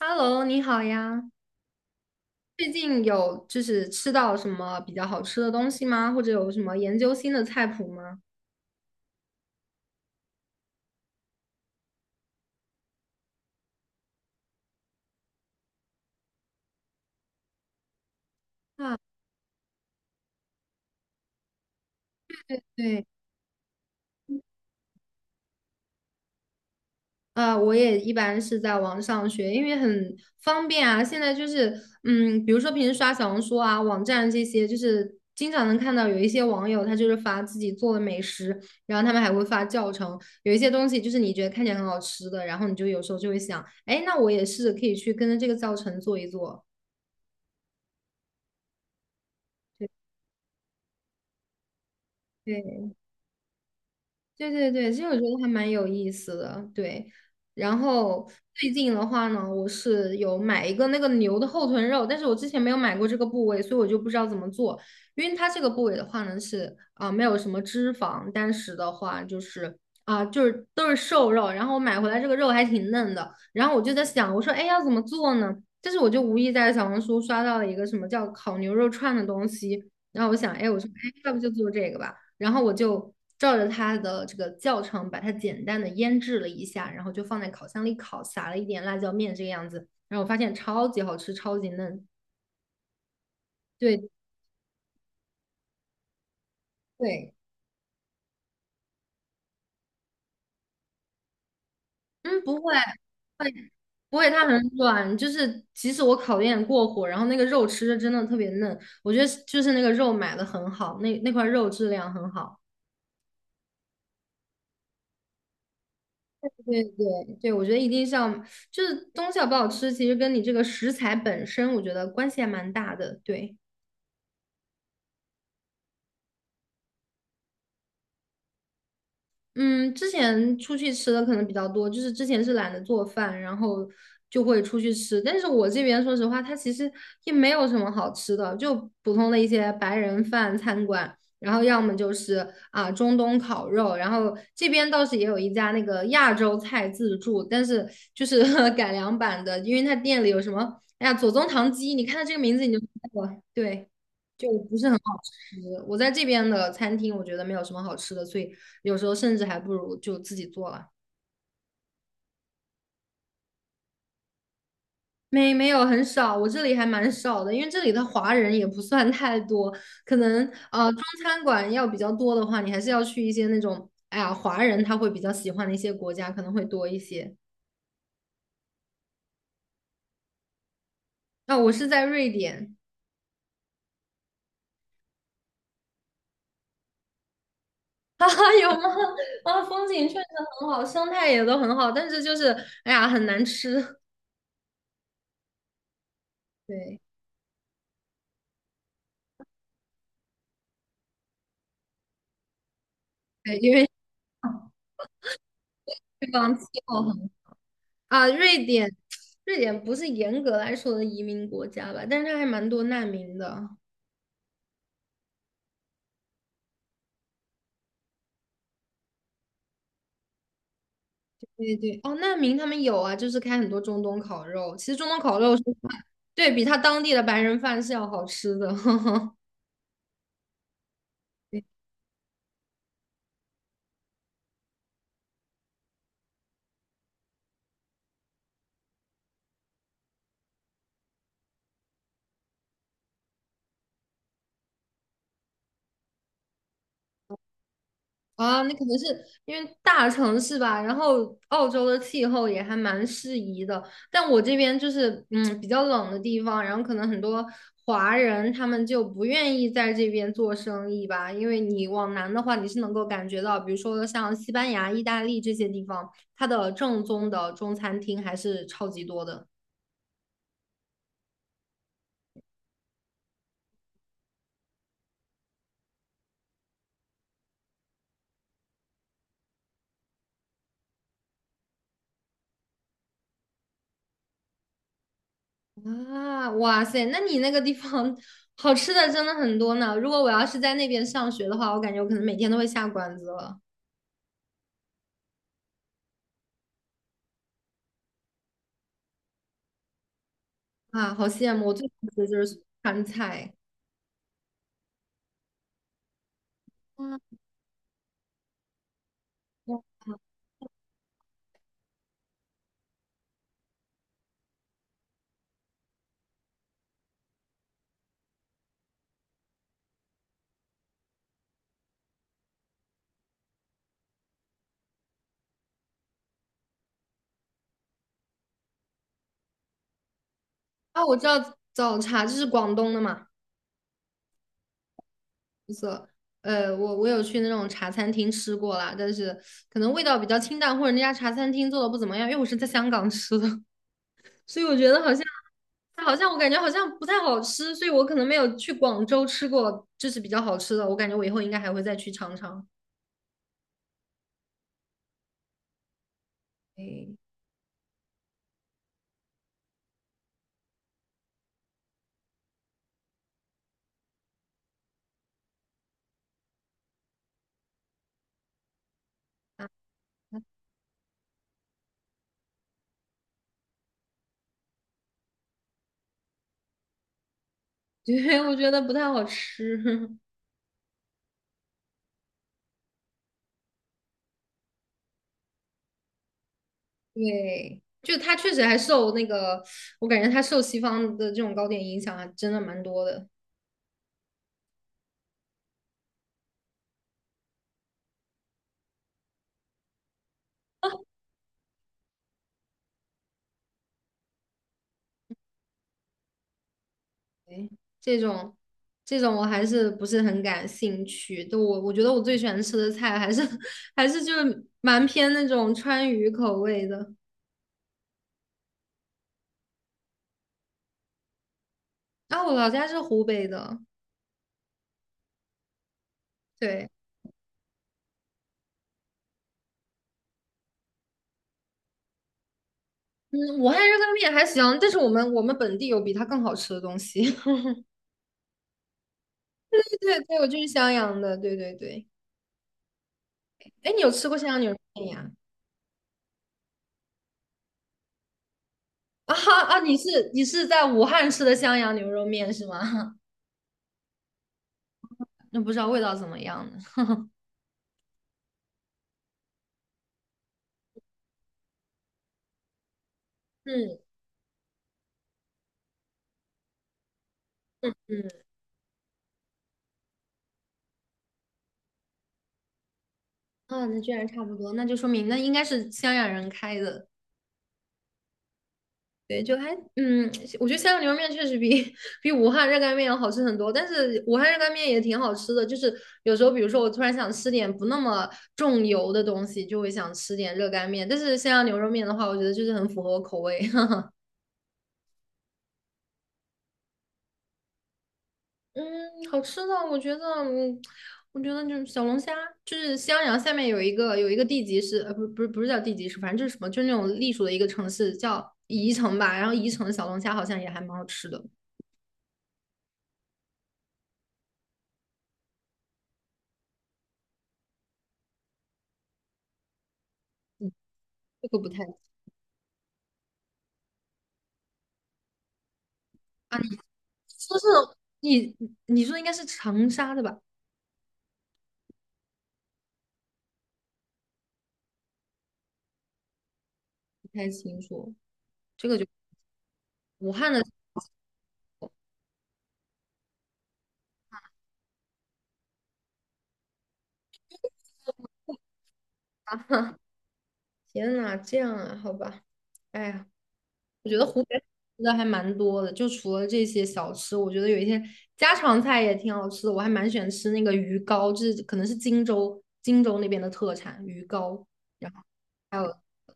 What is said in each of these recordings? Hello，你好呀！最近有就是吃到什么比较好吃的东西吗？或者有什么研究新的菜谱吗？啊，对，啊，我也一般是在网上学，因为很方便啊。现在就是，比如说平时刷小红书啊、网站这些，就是经常能看到有一些网友他就是发自己做的美食，然后他们还会发教程。有一些东西就是你觉得看起来很好吃的，然后你就有时候就会想，哎，那我也试着可以去跟着这个教程做一做。对。对对对，其实我觉得还蛮有意思的，对。然后最近的话呢，我是有买一个那个牛的后臀肉，但是我之前没有买过这个部位，所以我就不知道怎么做。因为它这个部位的话呢，是啊、没有什么脂肪，但是的话就是都是瘦肉。然后我买回来这个肉还挺嫩的，然后我就在想，我说哎要怎么做呢？但是我就无意在小红书刷到了一个什么叫烤牛肉串的东西，然后我想哎我说哎要不就做这个吧。然后我就照着它的这个教程，把它简单的腌制了一下，然后就放在烤箱里烤，撒了一点辣椒面这个样子，然后我发现超级好吃，超级嫩。对对，嗯，不会。会不会，它很软，就是即使我烤的有点过火，然后那个肉吃着真的特别嫩，我觉得就是那个肉买的很好，那块肉质量很好。对对对，我觉得一定是要，就是东西好不好吃，其实跟你这个食材本身，我觉得关系还蛮大的。对。嗯，之前出去吃的可能比较多，就是之前是懒得做饭，然后就会出去吃。但是我这边说实话，它其实也没有什么好吃的，就普通的一些白人饭餐馆，然后要么就是啊中东烤肉，然后这边倒是也有一家那个亚洲菜自助，但是就是 改良版的，因为它店里有什么，哎呀左宗棠鸡，你看它这个名字你就知道了，对。就不是很好吃。我在这边的餐厅，我觉得没有什么好吃的，所以有时候甚至还不如就自己做了。没有很少，我这里还蛮少的，因为这里的华人也不算太多，可能中餐馆要比较多的话，你还是要去一些那种，哎呀，华人他会比较喜欢的一些国家，可能会多一些。啊、我是在瑞典。哈哈有吗？啊，风景确实很好，生态也都很好，但是就是，哎呀，很难吃。对对，因为 这地方气候很啊，瑞典不是严格来说的移民国家吧，但是它还蛮多难民的。对对，对，哦，难民他们有啊，就是开很多中东烤肉。其实中东烤肉是，对，比他当地的白人饭是要好吃的。啊，那可能是因为大城市吧，然后澳洲的气候也还蛮适宜的，但我这边就是比较冷的地方，然后可能很多华人他们就不愿意在这边做生意吧，因为你往南的话，你是能够感觉到，比如说像西班牙、意大利这些地方，它的正宗的中餐厅还是超级多的。啊，哇塞，那你那个地方好吃的真的很多呢，如果我要是在那边上学的话，我感觉我可能每天都会下馆子了。啊，好羡慕！我最想吃的就是川菜。嗯，我我知道早茶就是广东的嘛，就是我有去那种茶餐厅吃过啦，但是可能味道比较清淡，或者那家茶餐厅做的不怎么样，因为我是在香港吃的，所以我觉得好像我感觉好像不太好吃，所以我可能没有去广州吃过，就是比较好吃的，我感觉我以后应该还会再去尝尝。哎，啊，对，我觉得不太好吃。对，就他确实还受那个，我感觉他受西方的这种糕点影响还真的蛮多的。对，这种这种我还是不是很感兴趣。就我觉得我最喜欢吃的菜还是 还是就是蛮偏那种川渝口味的。啊，我老家是湖北的，对，嗯，武汉热干面还行，但是我们本地有比它更好吃的东西。对对对，我就是襄阳的，对对对。哎，你有吃过襄阳牛肉面呀？啊哈啊！你是在武汉吃的襄阳牛肉面是吗？那不知道味道怎么样呢？嗯嗯啊，那居然差不多，那就说明那应该是襄阳人开的。对，就还嗯，我觉得襄阳牛肉面确实比 比武汉热干面要好吃很多，但是武汉热干面也挺好吃的。就是有时候，比如说我突然想吃点不那么重油的东西，就会想吃点热干面。但是襄阳牛肉面的话，我觉得就是很符合我口味。嗯，好吃的，我觉得就是小龙虾，就是襄阳下面有一个地级市，不，不是叫地级市，反正就是什么，就是那种隶属的一个城市叫宜城吧。然后宜城的小龙虾好像也还蛮好吃的，嗯，这个不太啊，说是你你说应该是长沙的吧？不太清楚，这个就武汉的，天呐，这样啊，好吧，哎呀。我觉得湖北吃的还蛮多的，就除了这些小吃，我觉得有一些家常菜也挺好吃的。我还蛮喜欢吃那个鱼糕，就是可能是荆州那边的特产鱼糕。然后还有，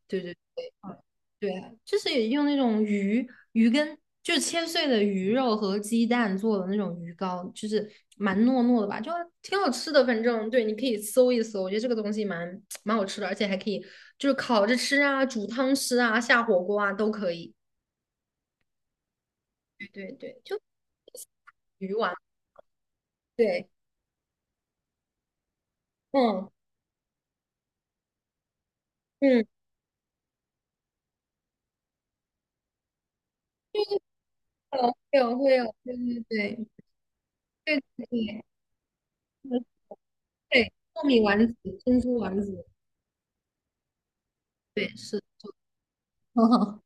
对对对，嗯对啊，就是也用那种鱼跟就是切碎的鱼肉和鸡蛋做的那种鱼糕，就是蛮糯糯的吧，就挺好吃的。反正对，你可以搜一搜，我觉得这个东西蛮好吃的，而且还可以就是烤着吃啊，煮汤吃啊，下火锅啊都可以。对对对，就鱼丸。对，嗯嗯，会有会有，对对对对对对，嗯对，糯米丸子、珍珠丸子，对是，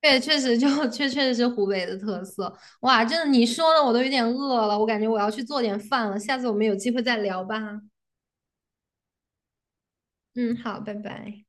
对，确实就确实是湖北的特色。哇，真的你说的我都有点饿了，我感觉我要去做点饭了，下次我们有机会再聊吧。嗯，好，拜拜。